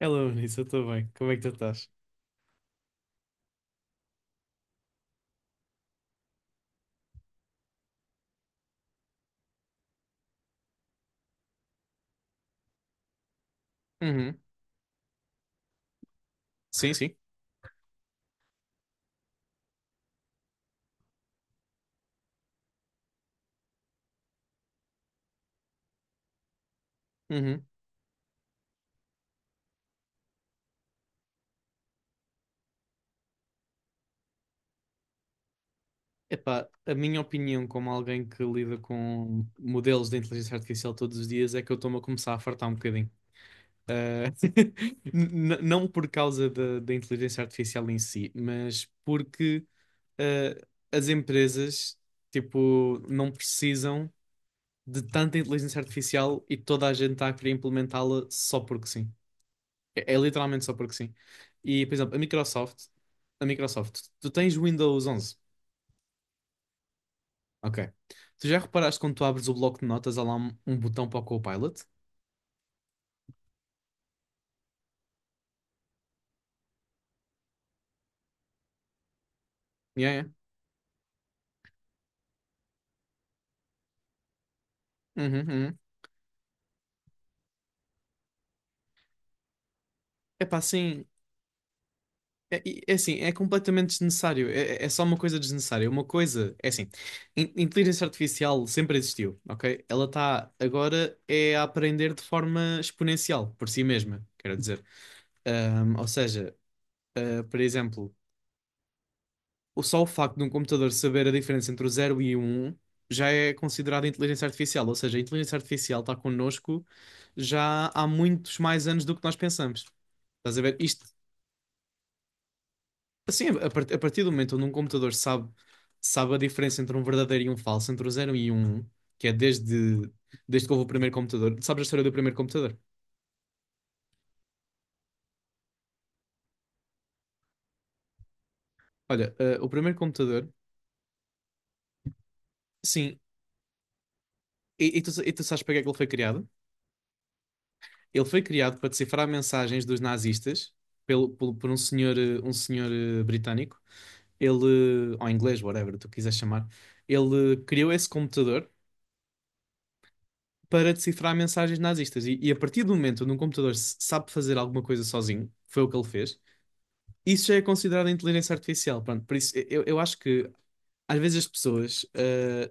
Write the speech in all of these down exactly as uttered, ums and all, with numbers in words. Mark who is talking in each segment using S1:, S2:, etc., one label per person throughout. S1: Hello, Nisso, eu estou bem. Como é que tu estás? Uhum. Sim, sim. Uhum. Epá, a minha opinião, como alguém que lida com modelos de inteligência artificial todos os dias, é que eu estou-me a começar a fartar um bocadinho. Ah, n- não por causa da da inteligência artificial em si, mas porque ah, as empresas, tipo, não precisam de tanta inteligência artificial e toda a gente está a querer implementá-la só porque sim. É, é literalmente só porque sim. E, por exemplo, a Microsoft, a Microsoft, tu tens Windows onze, ok. Tu já reparaste quando tu abres o bloco de notas, há lá um, um botão para o Copilot? Yeah, yeah. Uhum, uhum. Epá, assim, é, é assim, é completamente desnecessário. É, é é só uma coisa desnecessária. Uma coisa, é assim, in- inteligência artificial sempre existiu, ok? Ela está agora é a aprender de forma exponencial por si mesma, quero dizer. Ahm, ou seja, ah, por exemplo. O só o facto de um computador saber a diferença entre o zero e o um já é considerado inteligência artificial, ou seja, a inteligência artificial está connosco já há muitos mais anos do que nós pensamos. Estás a ver? Isto, assim, a, part- a partir do momento onde um computador sabe, sabe a diferença entre um verdadeiro e um falso, entre o zero e o um, que é desde, desde que houve o primeiro computador. Sabes a história do primeiro computador? Olha, eh, o primeiro computador, sim, e, e tu, e tu sabes para que é que ele foi criado? Ele foi criado para decifrar mensagens dos nazistas pelo, pelo- por um senhor, eh, um senhor eh, britânico. Ele, eh, ou inglês, whatever tu quiseres chamar, ele criou esse computador para decifrar mensagens nazistas. E, e a partir do momento onde um computador s- sabe fazer alguma coisa sozinho, foi o que ele fez, isso já é considerado inteligência artificial. Pronto, por isso eu, eu acho que às vezes as pessoas ah,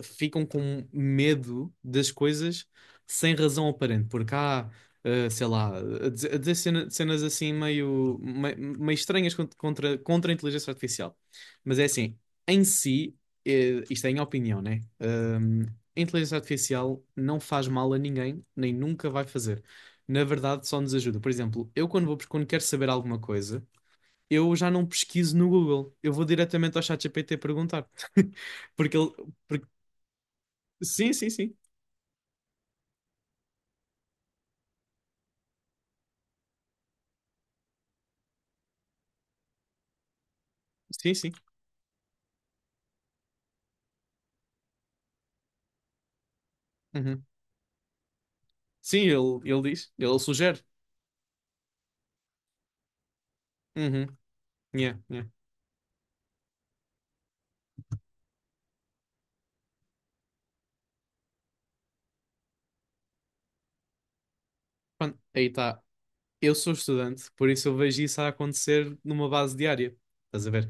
S1: ah, ficam com medo das coisas sem razão aparente, porque há, ah, sei lá, a dizer, a dizer cena- cenas assim meio, me- meio, estranhas cont- contra, contra a inteligência artificial. Mas é assim, em si, eh, isto é em opinião, né? Ahm, a inteligência artificial não faz mal a ninguém, nem nunca vai fazer. Na verdade, só nos ajuda. Por exemplo, eu quando vou, quando quero saber alguma coisa eu já não pesquiso no Google. Eu vou diretamente ao ChatGPT perguntar. Porque ele. porque- Sim, sim, sim. Sim, sim. Uhum. Sim, ele, ele diz. Ele sugere. Uhum. Yeah, yeah. Pronto, aí está. Eu sou estudante, por isso eu vejo isso a acontecer numa base diária. Estás a ver?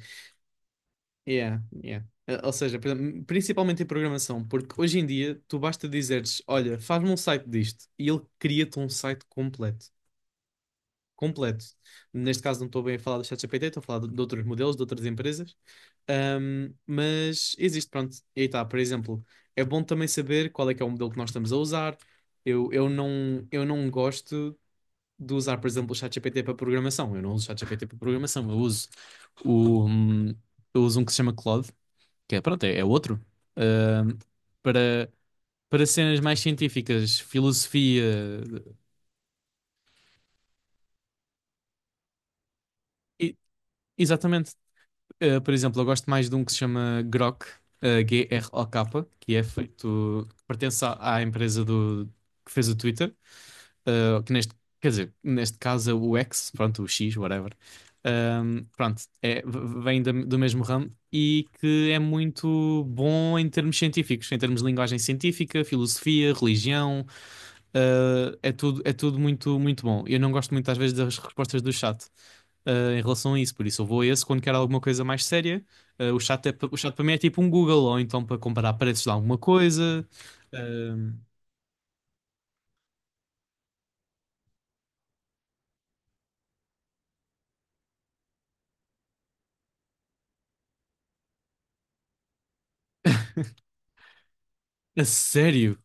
S1: Yeah, yeah. Eh, Ou seja, por exemplo, principalmente em programação, porque hoje em dia tu basta dizeres: Olha, faz-me um site disto, e ele cria-te um site completo. Completo. Neste caso não estou bem a falar do ChatGPT, estou a falar de, de outros modelos, de outras empresas. Ahm, mas existe, pronto, e aí está, por exemplo, é bom também saber qual é que é o modelo que nós estamos a usar. Eu, eu não, eu não gosto de usar, por exemplo, o ChatGPT para programação, eu não uso o ChatGPT para programação, eu uso o, hum, eu uso um que se chama Claude, que é, pronto, é, é outro. Ahm, para, para cenas mais científicas, filosofia, e- exatamente. Uh, por exemplo, eu gosto mais de um que se chama Grok, uh, G-R-O-K, que é feito, que pertence à, à empresa do, que fez o Twitter, uh, que neste, quer dizer, neste caso é o X, pronto, o X, whatever. Um, pronto, é, v- vem da- do mesmo ramo e que é muito bom em termos científicos, em termos de linguagem científica, filosofia, religião, uh, é tudo, é tudo muito, muito bom. Eu não gosto muito às vezes das respostas do chat eh, em relação a isso. Por isso, eu vou a esse quando quero alguma coisa mais séria. Eh, o chat é, pa- o chat para mim é tipo um Google, ou então para comparar preços de alguma coisa. Eh, a sério?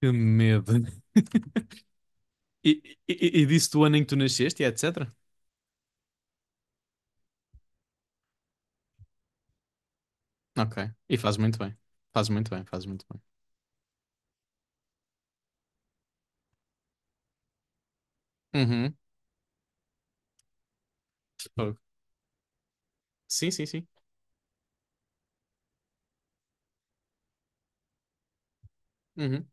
S1: Que medo. E, e, e e disse do ano em que tu nasceste e etcetera. Ok. E faz muito bem. Faz muito bem, faz muito bem. Uhum. Fogo. Sim, sim, sim. Uhum.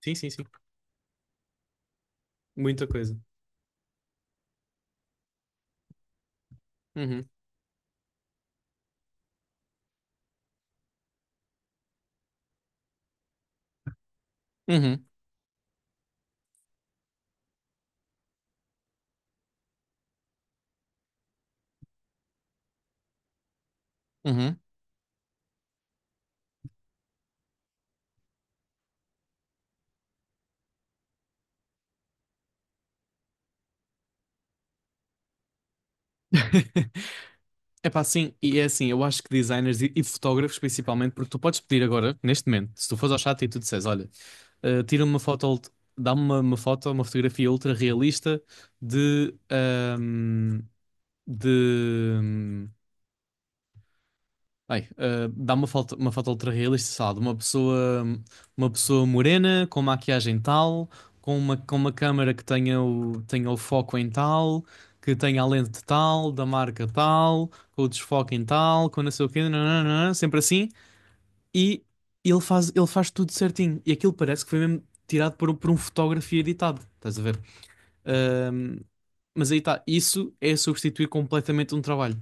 S1: Sim, sim, sim. Muita coisa. Uhum. Uhum. Uhum. É pá, sim, e é assim, eu acho que designers e, e fotógrafos principalmente, porque tu podes pedir agora, neste momento, se tu fores ao chat e tu disseres, olha, eh, tira-me uma foto, ult- dá-me uma, uma foto, uma fotografia ultra realista de, ahm, de, hum, Bem, ah, dá uma foto, uma foto ultra realista, sei lá, de uma pessoa, uma pessoa morena, com maquiagem tal, com uma, com uma câmera que tenha o, tenha o foco em tal, que tenha a lente tal, da marca tal, com o desfoque em tal, com não sei o quê, nananana, sempre assim. E ele faz, ele faz tudo certinho. E aquilo parece que foi mesmo tirado por, um- por um fotógrafo e editado, estás a ver? Ah, mas aí está, isso é substituir completamente um trabalho.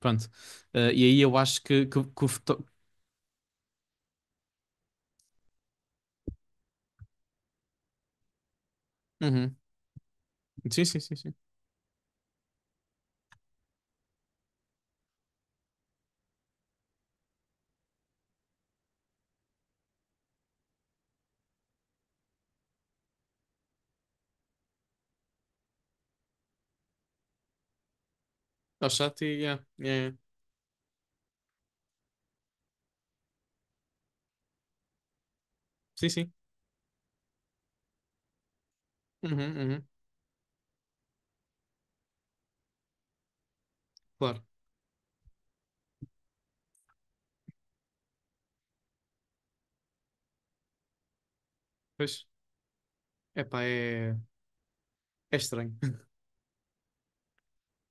S1: Pronto. Eh, e aí eu acho que, que. Uhum. Sim, sim, sim, sim. Ao chat e yeah, yeah, yeah. Sim, sim. Uhum, uhum. Claro. Pois. Epá, é, é estranho.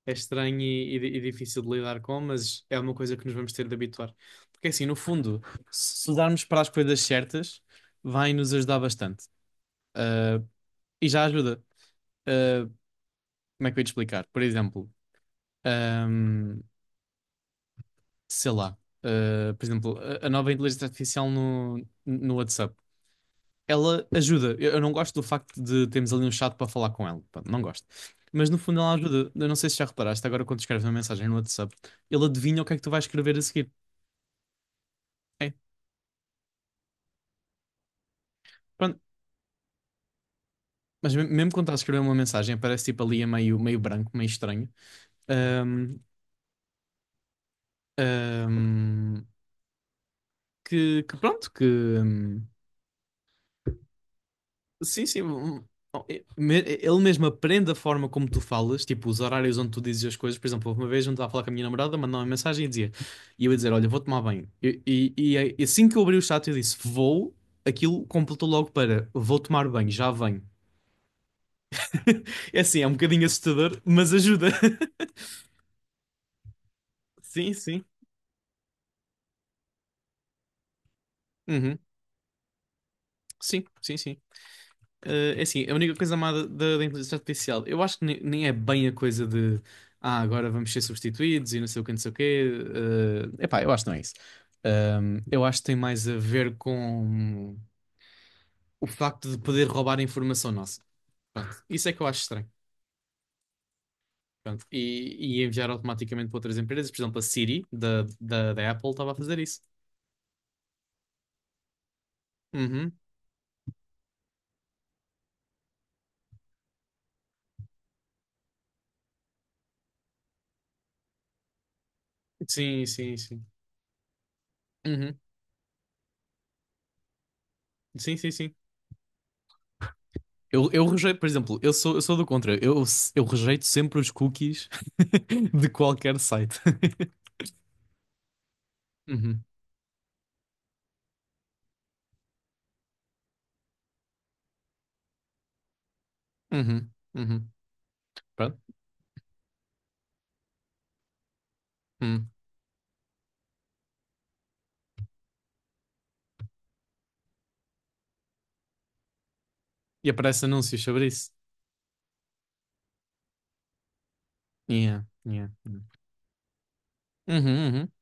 S1: É estranho e, e di- e difícil de lidar com, mas é uma coisa que nos vamos ter de habituar. Porque assim, no fundo, se darmos para as coisas certas, vai nos ajudar bastante. Ah, e já ajuda. Ah, como é que eu ia te explicar? Por exemplo, ahm, sei lá. ah, por exemplo, a, a nova inteligência artificial no, no WhatsApp. Ela ajuda. Eu, eu não gosto do facto de termos ali um chat para falar com ela. Pá, não gosto. Mas no fundo ela ajuda. Eu não sei se já reparaste, agora quando escreves uma mensagem no WhatsApp, ele adivinha o que é que tu vais escrever a seguir. É, pronto. Mas me- mesmo quando estás a escrever uma mensagem, aparece tipo ali a meio, meio branco, meio estranho. Ahm, ahm, que, que pronto, que, hum, sim, sim. hum, não, e- me- Ele mesmo aprende a forma como tu falas, tipo os horários onde tu dizes as coisas. Por exemplo, houve uma vez onde estava a falar com a minha namorada, mandou uma mensagem e dizia, e eu ia dizer: Olha, vou tomar banho. E, e- e- é, e assim que eu abri o chat, eu disse: Vou. Aquilo completou logo para: Vou tomar banho, já venho. É assim, é um bocadinho assustador, mas ajuda. Sim, sim. Uhum. Sim, sim, sim. Eh, é assim, a única coisa má da, da- da inteligência artificial, eu acho que ne- nem, é bem a coisa de ah, agora vamos ser substituídos e não sei o que, não sei o quê. Eh, epá, eu acho que não é isso. Ahm, eu acho que tem mais a ver com o facto de poder roubar a informação nossa. Pronto, isso é que eu acho estranho. Pronto, e, e enviar automaticamente para outras empresas, por exemplo, a Siri da, da, da Apple estava a fazer isso. Uhum. Sim, sim, sim. Uhum. Sim, sim, sim. Eu, eu rejeito, por exemplo, eu sou, eu sou do contra. Eu, eu rejeito sempre os cookies de qualquer site. Uhum, uhum, uhum. Pronto. Hum. E aparece anúncios sobre isso. Yeah, yeah, yeah. Uhum, uhum.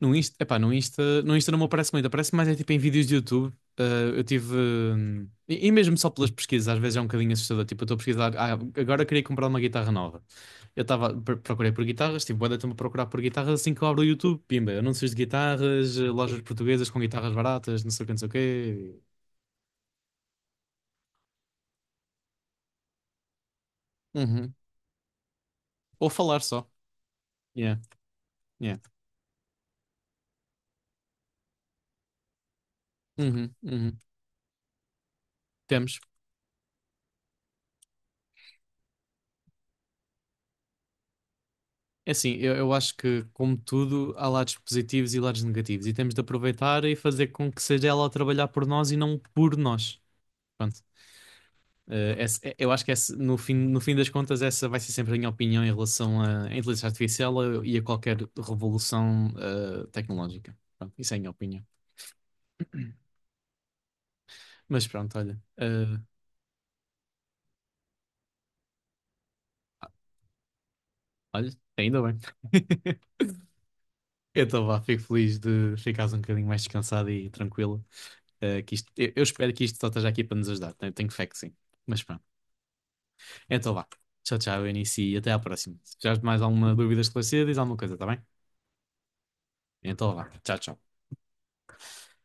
S1: No Insta, epá, no Insta, no Insta não me aparece muito, aparece mais é tipo em vídeos de YouTube. Ah, eu tive. hum, E, e mesmo só pelas pesquisas, às vezes é um bocadinho assustador. Tipo, eu estou a pesquisar. Ah, agora queria comprar uma guitarra nova. Eu estava. pr- Procurei por guitarras, tipo, boa tempo a procurar por guitarras assim que eu abro o YouTube. Pimba, anúncios de guitarras, eh, lojas portuguesas com guitarras baratas, não sei o que, não sei o quê. Uhum. Ou falar só. Yeah, yeah. Uhum, uhum. Temos. É assim, eu, eu acho que, como tudo, há lados positivos e lados negativos, e temos de aproveitar e fazer com que seja ela a trabalhar por nós e não por nós. Pronto. Eh, essa- eh, eu acho que essa- no fim, no fim das contas, essa vai ser sempre a minha opinião em relação à à inteligência artificial eh, e a qualquer revolução eh, tecnológica. Pronto, isso é a minha opinião. Mas pronto, olha. eh, olha, ainda bem. Então vá, fico feliz de ficares um bocadinho mais descansado e tranquilo. Eh, que isto, eu, eu espero que isto só esteja aqui para nos ajudar. Tenho, tenho fé que sim. Mas pronto. Então vá. Tchau, tchau, Eunice, e até à próxima. Se tiveres mais alguma dúvida esclarecida, diz alguma coisa, tá bem? Então vá. Tchau, tchau.